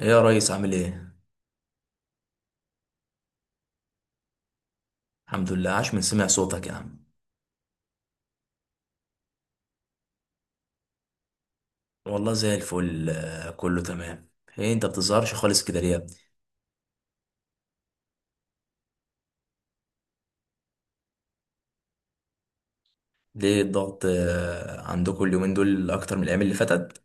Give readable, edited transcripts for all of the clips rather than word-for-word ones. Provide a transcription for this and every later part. ايه يا ريس، عامل ايه؟ الحمد لله، عاش من سمع صوتك يا عم. والله زي الفل، كله تمام. ايه انت بتظهرش خالص كده ليه يا ابني؟ ليه الضغط عندكم اليومين دول اكتر من الايام اللي فاتت؟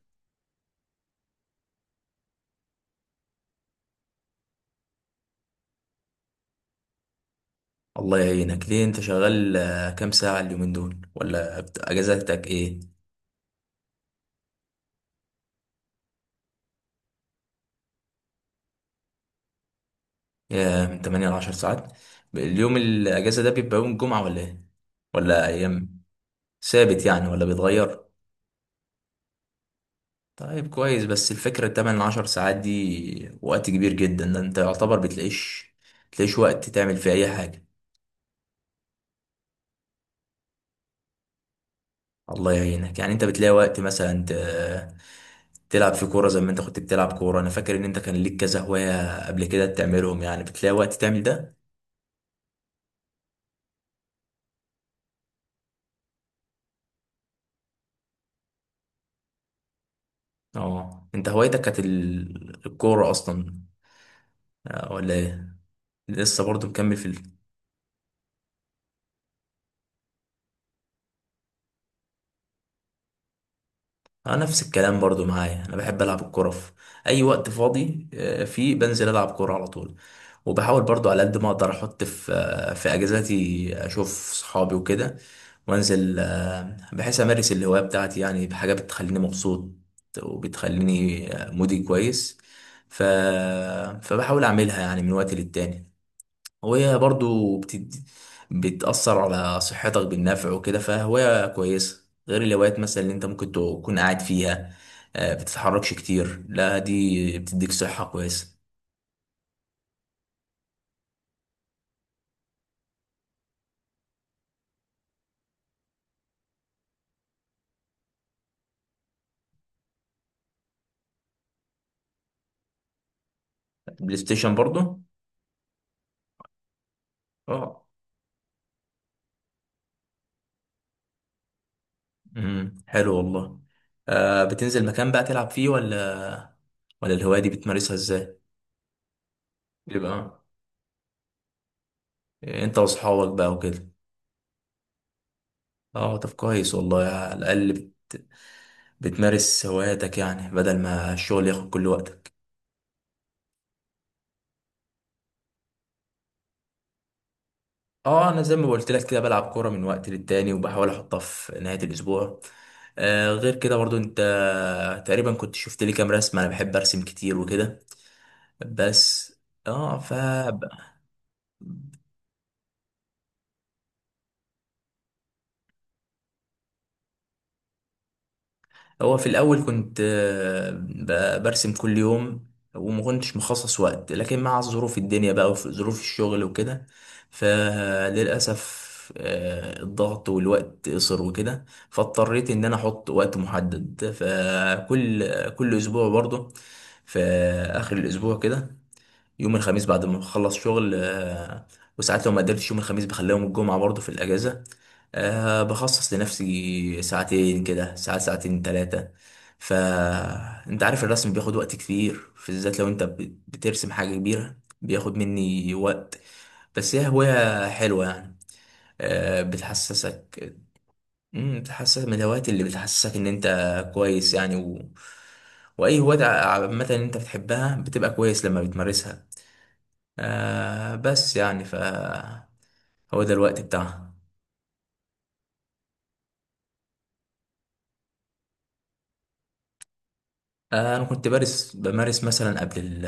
الله يعينك، ليه انت شغال كام ساعة اليومين دول؟ ولا اجازتك ايه؟ يا من 8 ل 10 ساعات؟ اليوم الاجازة ده بيبقى يوم الجمعة ولا ايه؟ ولا ايام ثابت يعني ولا بيتغير؟ طيب كويس، بس الفكرة تمن عشر ساعات دي وقت كبير جدا، ده انت يعتبر بتلاقيش، وقت تعمل فيه اي حاجة. الله يعينك، يعني انت بتلاقي وقت مثلا تلعب في كورة زي ما انت كنت بتلعب كورة؟ انا فاكر ان انت كان ليك كذا هواية قبل كده بتعملهم، يعني بتلاقي وقت تعمل ده؟ اه، انت هوايتك كانت الكورة اصلا ولا ايه؟ لسه برضو مكمل في؟ اه نفس الكلام برضو معايا، انا بحب العب الكوره في اي وقت فاضي، فيه بنزل العب كوره على طول. وبحاول برضو على قد ما اقدر احط في اجازاتي اشوف صحابي وكده، وانزل بحيث امارس الهوايه بتاعتي، يعني بحاجه بتخليني مبسوط وبتخليني مودي كويس. ف... فبحاول اعملها يعني من وقت للتاني، وهي برضو بتد... بتأثر على صحتك بالنفع وكده، فهواية كويسة غير الهوايات مثلا اللي انت ممكن تكون قاعد فيها بتتحركش كتير. لا، دي بتديك صحة كويسة. بلاي ستيشن برضو؟ اه. حلو والله. بتنزل مكان بقى تلعب فيه، ولا ولا الهواية دي بتمارسها ازاي؟ بيبقى انت واصحابك بقى وكده؟ اه، طب كويس والله، على الأقل بتمارس هواياتك يعني بدل ما الشغل ياخد كل وقتك. اه انا زي ما قلت لك كده، بلعب كوره من وقت للتاني وبحاول احطها في نهايه الاسبوع. غير كده برضو انت تقريبا كنت شفت لي كام رسمه، انا بحب ارسم كتير وكده. بس اه ف هو في الأول كنت برسم كل يوم، وما كنتش مخصص وقت، لكن مع ظروف الدنيا بقى وظروف الشغل وكده فللأسف الضغط والوقت قصر وكده. فاضطريت إن أنا أحط وقت محدد فكل أسبوع برضه، في آخر الأسبوع كده، يوم الخميس بعد ما بخلص شغل. وساعات لو ما قدرتش يوم الخميس بخليهم الجمعة برضه في الأجازة. بخصص لنفسي ساعتين كده، ساعة ساعتين تلاتة. فأنت عارف الرسم بياخد وقت كتير، في بالذات لو أنت بترسم حاجة كبيرة بياخد مني وقت. بس هي هواية حلوة يعني، بتحسسك. بتحسسك من الهوايات اللي بتحسسك إن أنت كويس. وأي هواية عامة أنت بتحبها بتبقى كويس لما بتمارسها. آه بس يعني ف هو ده الوقت بتاعها. انا كنت بمارس مثلا قبل ال...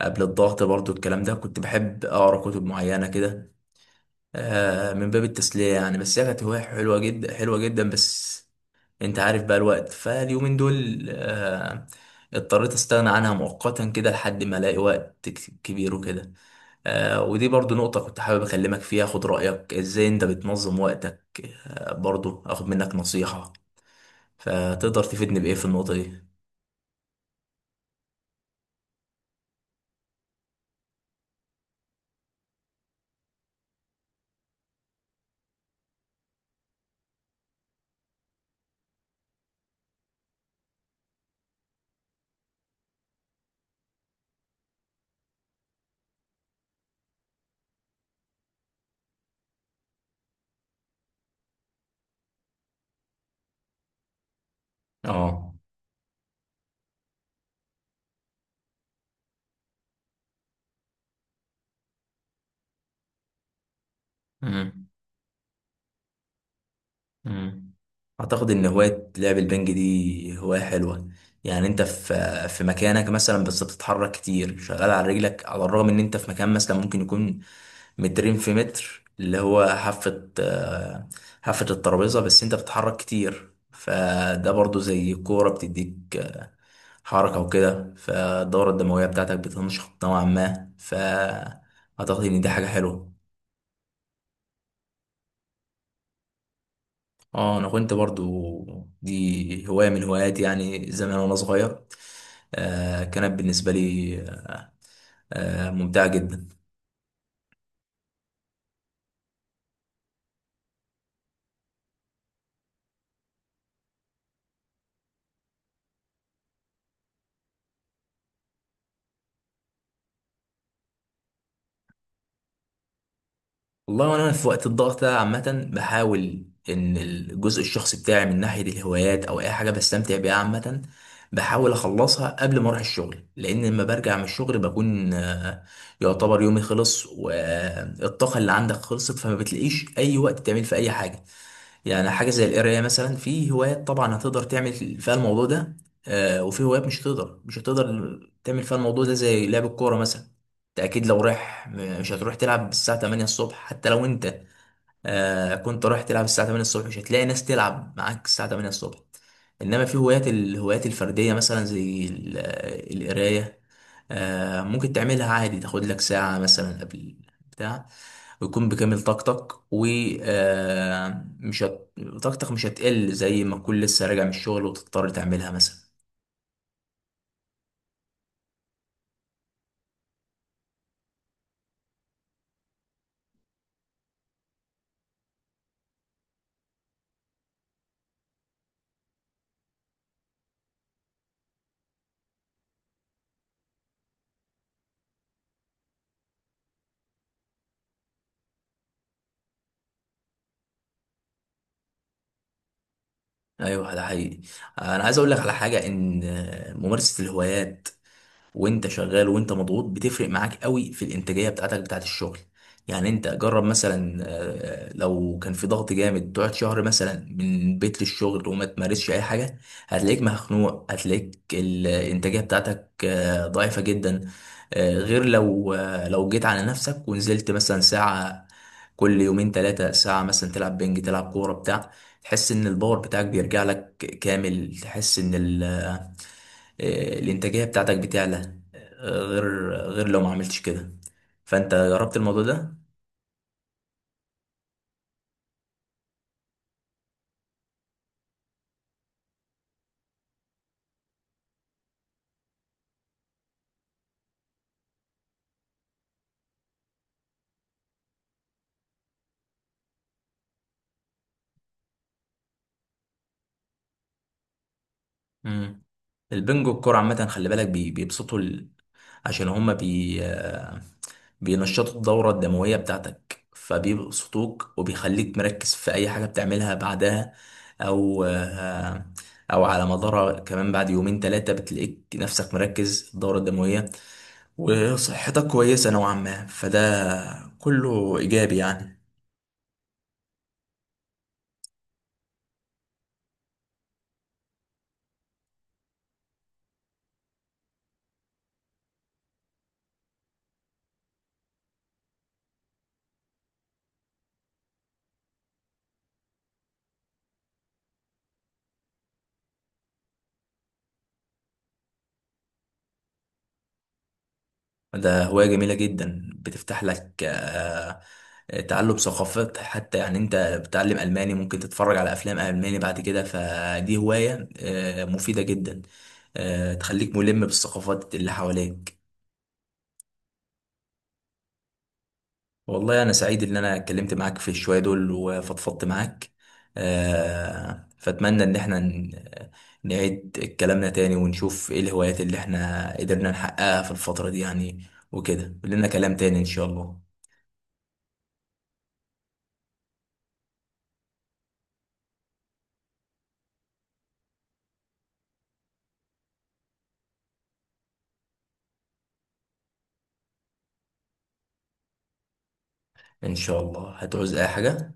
قبل الضغط برضو، الكلام ده كنت بحب اقرا كتب معينه كده من باب التسليه يعني، بس هي كانت هوايه حلوه جدا، حلوه جدا، بس انت عارف بقى الوقت فاليومين دول اضطريت استغنى عنها مؤقتا كده لحد ما الاقي وقت كبير وكده. ودي برضو نقطه كنت حابب اكلمك فيها، اخد رايك ازاي انت بتنظم وقتك، برضو اخد منك نصيحه، فتقدر تفيدني بإيه في النقطة دي؟ اه. امم امم أعتقد إن هواية لعب البنج دي هواية حلوة، يعني أنت في مكانك مثلا بس بتتحرك كتير، شغال على رجلك، على الرغم إن أنت في مكان مثلا ممكن يكون مترين في متر، اللي هو حافة حافة الترابيزة، بس أنت بتتحرك كتير، فده برضو زي كورة بتديك حركة وكده، فالدورة الدموية بتاعتك بتنشط نوعا ما، فأعتقد إن دي حاجة حلوة. اه انا كنت برضو، دي هواية من هواياتي يعني زمان وانا صغير، كانت بالنسبة لي ممتعة جدا. والله وانا في وقت الضغط ده عامة بحاول ان الجزء الشخصي بتاعي من ناحية الهوايات او اي حاجة بستمتع بيها عامة، بحاول اخلصها قبل ما اروح الشغل، لان لما برجع من الشغل بكون يعتبر يومي خلص والطاقة اللي عندك خلصت، فما بتلاقيش اي وقت تعمل في اي حاجة. يعني حاجة زي القراية مثلا، في هوايات طبعا هتقدر تعمل فيها الموضوع ده وفي هوايات مش هتقدر، تعمل فيها الموضوع ده زي لعب الكورة مثلا. انت اكيد لو رايح مش هتروح تلعب الساعة 8 الصبح، حتى لو انت كنت رايح تلعب الساعة 8 الصبح مش هتلاقي ناس تلعب معاك الساعة 8 الصبح. انما في هوايات، الهوايات الفردية مثلا زي القراية، ممكن تعملها عادي، تاخد لك ساعة مثلا قبل بتاع، ويكون بكامل طاقتك و آه، مش هت... طاقتك مش هتقل زي ما تكون لسه راجع من الشغل وتضطر تعملها مثلا. ايوه ده حقيقي. انا عايز اقول لك على حاجه، ان ممارسه الهوايات وانت شغال وانت مضغوط بتفرق معاك قوي في الانتاجيه بتاعتك بتاعت الشغل. يعني انت جرب مثلا لو كان في ضغط جامد تقعد شهر مثلا من البيت للشغل وما تمارسش اي حاجه، هتلاقيك مخنوق، هتلاقيك الانتاجيه بتاعتك ضعيفه جدا، غير لو جيت على نفسك ونزلت مثلا ساعه كل يومين ثلاثه، ساعه مثلا تلعب بنج، تلعب كوره بتاع، تحس ان الباور بتاعك بيرجع لك كامل، تحس ان ال آه، آه، الانتاجيه بتاعتك بتعلى غير لو ما عملتش كده. فانت جربت الموضوع ده؟ امم البنجو الكوره عامه خلي بالك، بيبسطوا عشان هما بي آه، بينشطوا الدورة الدموية بتاعتك، فبيبسطوك وبيخليك مركز في أي حاجة بتعملها بعدها، أو آه، أو على مدار كمان بعد يومين تلاتة بتلاقيك نفسك مركز، الدورة الدموية وصحتك كويسة نوعا ما، فده كله إيجابي يعني. ده هواية جميلة جدا، بتفتح لك تعلم ثقافات حتى، يعني انت بتتعلم ألماني ممكن تتفرج على أفلام ألماني بعد كده، فدي هواية مفيدة جدا، تخليك ملم بالثقافات اللي حواليك. والله أنا سعيد إن أنا اتكلمت معاك في الشوية دول وفضفضت معاك، فأتمنى إن احنا نعيد كلامنا تاني ونشوف ايه الهوايات اللي احنا قدرنا نحققها في الفترة دي يعني، وكده لنا كلام تاني إن شاء الله. ان شاء الله هتعوز اي حاجه.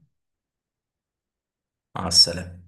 مع السلامه.